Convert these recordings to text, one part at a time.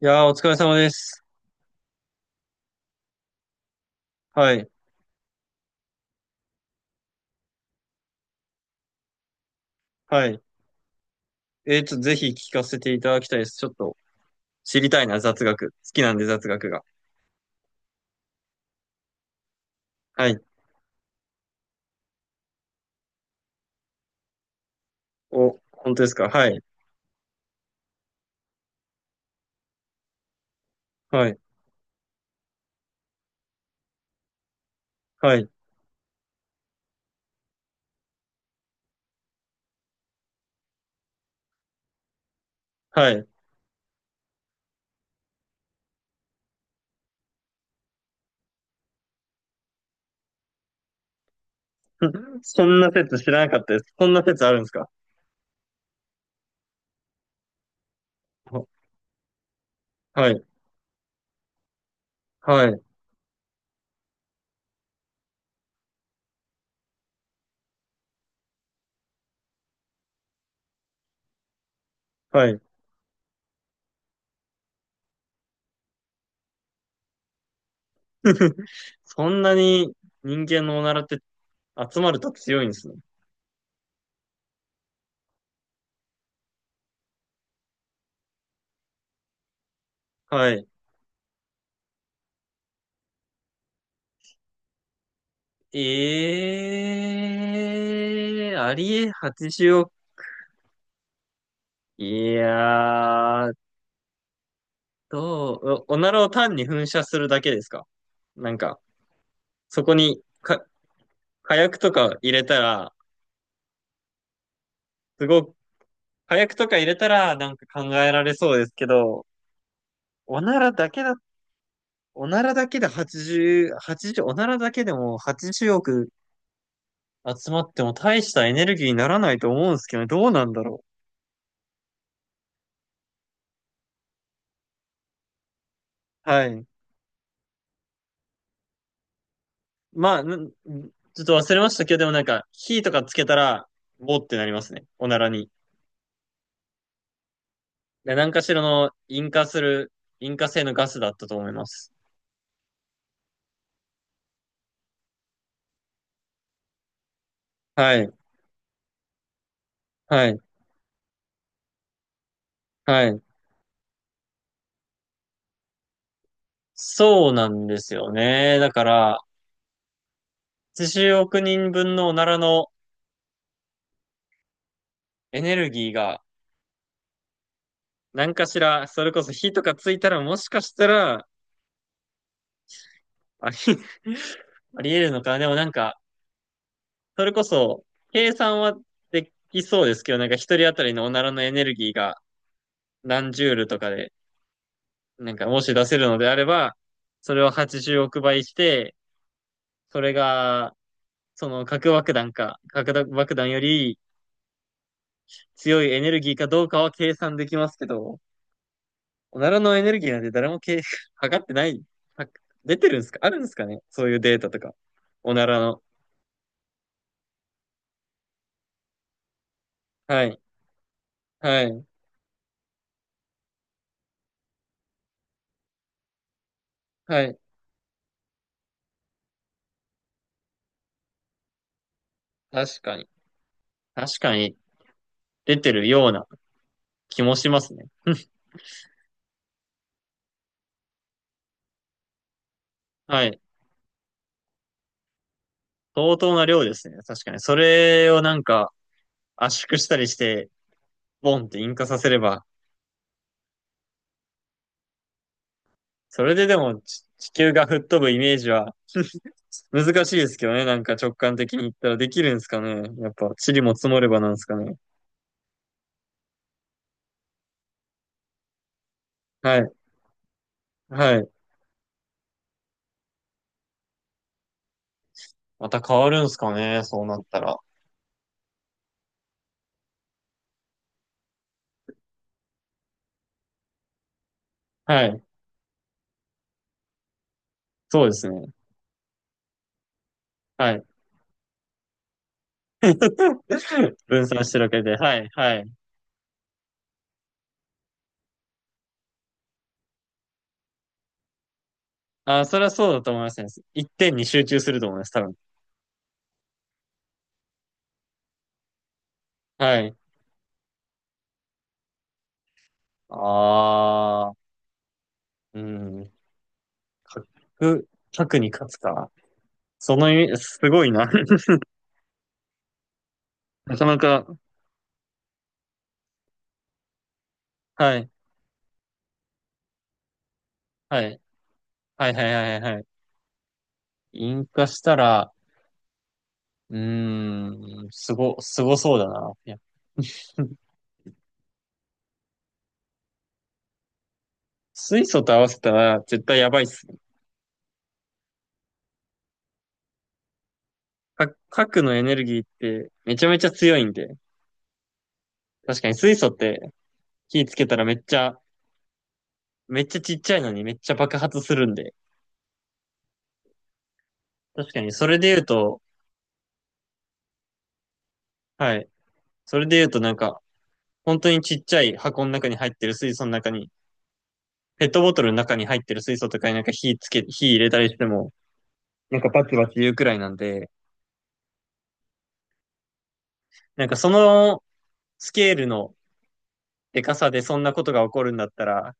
いやー、お疲れ様です。はい。はい。ちょっとぜひ聞かせていただきたいです。ちょっと知りたいな、雑学。好きなんで、雑学が。はい。お、本当ですか？はい。はい。はい。はい。そんな説知らなかったです。そんな説あるんですか？お、はい。はい。はい。そんなに人間のおならって集まると強いんですね。はい。ええー、ありえ八0億。いやー、どう、おおならを単に噴射するだけですか？なんか、そこに、火薬とか入れたら、すごく、火薬とか入れたらなんか考えられそうですけど、おならだけだ、おならだけでも80億集まっても大したエネルギーにならないと思うんですけどね、どうなんだろう。はい。まあ、ちょっと忘れましたけど、でもなんか、火とかつけたら、ボーってなりますね。おならに。で何かしらの引火性のガスだったと思います。はい、はい、はい。そうなんですよね。だから、80億人分のおならのエネルギーが、何かしら、それこそ火とかついたらもしかしたら、あり、あり得るのかな。でもなんか、それこそ、計算はできそうですけど、なんか一人当たりのおならのエネルギーが何ジュールとかで、なんかもし出せるのであれば、それを80億倍して、それがその核爆弾より強いエネルギーかどうかは計算できますけど、おならのエネルギーなんて誰も測ってない。は出てるんですか？あるんですかね、そういうデータとか。おならの。はい。はい。はい。確かに。確かに出てるような気もしますね。はい。相当な量ですね。確かに。それをなんか圧縮したりして、ボンって引火させれば、それででもち地球が吹っ飛ぶイメージは難しいですけどね。なんか直感的に言ったらできるんですかね。やっぱ、塵も積もればなんですかね。はい。はい。また変わるんすかね、そうなったら。はい。そうですね。はい。分散してるわけで。はい。はい。あ、それはそうだと思いますね。一点に集中すると思います。多分。はい。ああ、うん。核、核に勝つか。その意味、すごいな。なかなか、はい。はい。はいはいはいはい。はい。引火したら、うーん、すごそうだな。いや、水素と合わせたら絶対やばいっすね。核のエネルギーってめちゃめちゃ強いんで、確かに水素って火つけたらめっちゃちっちゃいのにめっちゃ爆発するんで、確かにそれで言うと、はい、それで言うとなんか、本当にちっちゃい箱の中に入ってる水素の中に、ペットボトルの中に入ってる水素とかになんか火つけ、火入れたりしても、なんかバチバチ言うくらいなんで、なんかそのスケールのでかさでそんなことが起こるんだったら、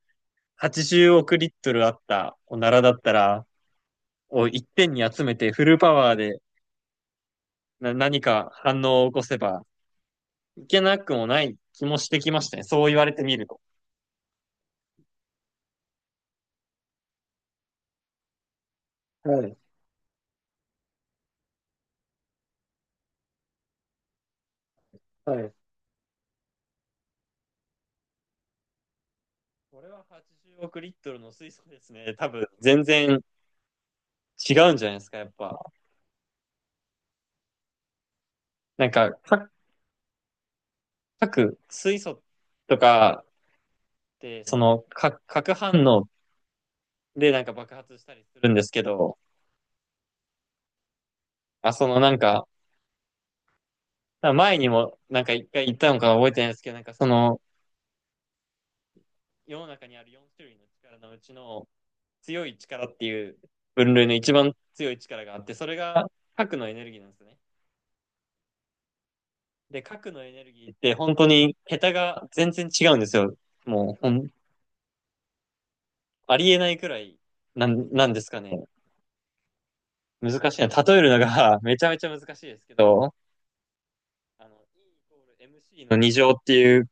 80億リットルあったおならだったら、を一点に集めてフルパワーで何か反応を起こせばいけなくもない気もしてきましたね。そう言われてみると。はい、はい。これは80億リットルの水素ですね。多分全然違うんじゃないですか、やっぱ。なんか、各水素とかって、その、核反応でなんか爆発したりするんですけど、あ、そのなんか、前にもなんか一回言ったのか覚えてないですけど、なんかその世の中にある4種類の力のうちの強い力っていう分類の一番強い力があって、それが核のエネルギーなんですね。で、核のエネルギーって本当に桁が全然違うんですよ。もうほん、ありえないくらいなんですかね。難しいな。例えるのが めちゃめちゃ難しいですけど、E イコール MC の二乗っていう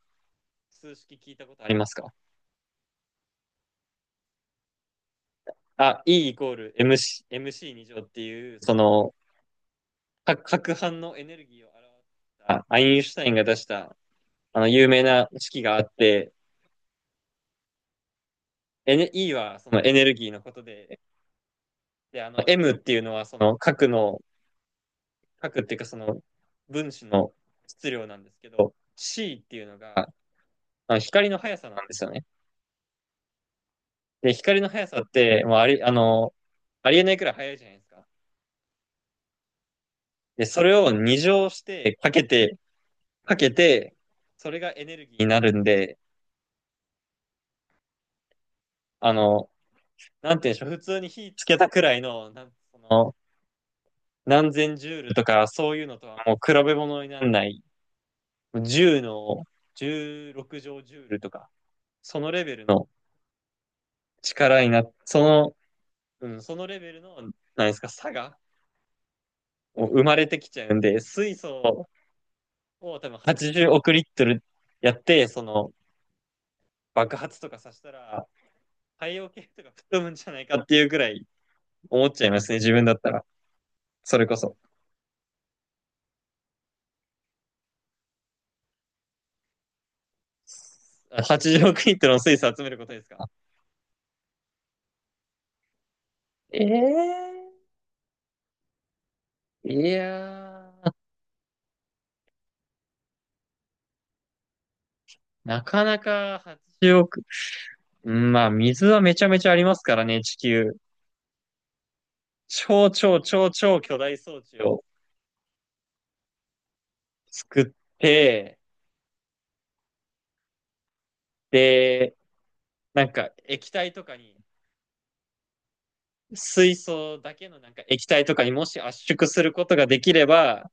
数式聞いたことありますか？あ、E イコール MC、MC 二乗っていう、その、核反応のエネルギーを表したアインシュタインが出したあの有名な式があって、E はそのエネルギーのことで、で、あの M っていうのはその核っていうかその分子の質量なんですけど、C っていうのがあの光の速さなんですよね。で、光の速さってもうあり、あの、ありえないくらい速いじゃないですか。で、それを二乗してかけて、かけて、それがエネルギーになるんで、あの、なんていうんでしょう、普通に火つけたくらいの、その何千ジュールとか、そういうのとはもう比べ物にならない、10の16乗ジュールとか、そのレベルの力になっその、うん、そのレベルの、なんですか、差が生まれてきちゃうんで、水素を多分80億リットルやって、その爆発とかさせたら、太陽系とか吹っ飛ぶんじゃないかっていうくらい思っちゃいますね、自分だったら。それこそ。80億イントの水素集めることですか？ええーいやー、なかなか80億。うん、まあ、水はめちゃめちゃありますからね、地球。超超超超巨大装置を作って、で、なんか液体とかに、水素だけのなんか液体とかにもし圧縮することができれば、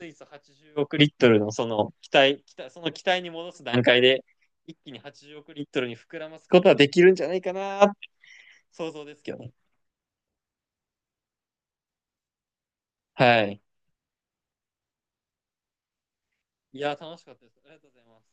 水素80億リットルのその気体、その気体に戻す段階で、一気に80億リットルに膨らますことはできるんじゃないかなって想像ですけどね。はい。いや、楽しかったです。ありがとうございます。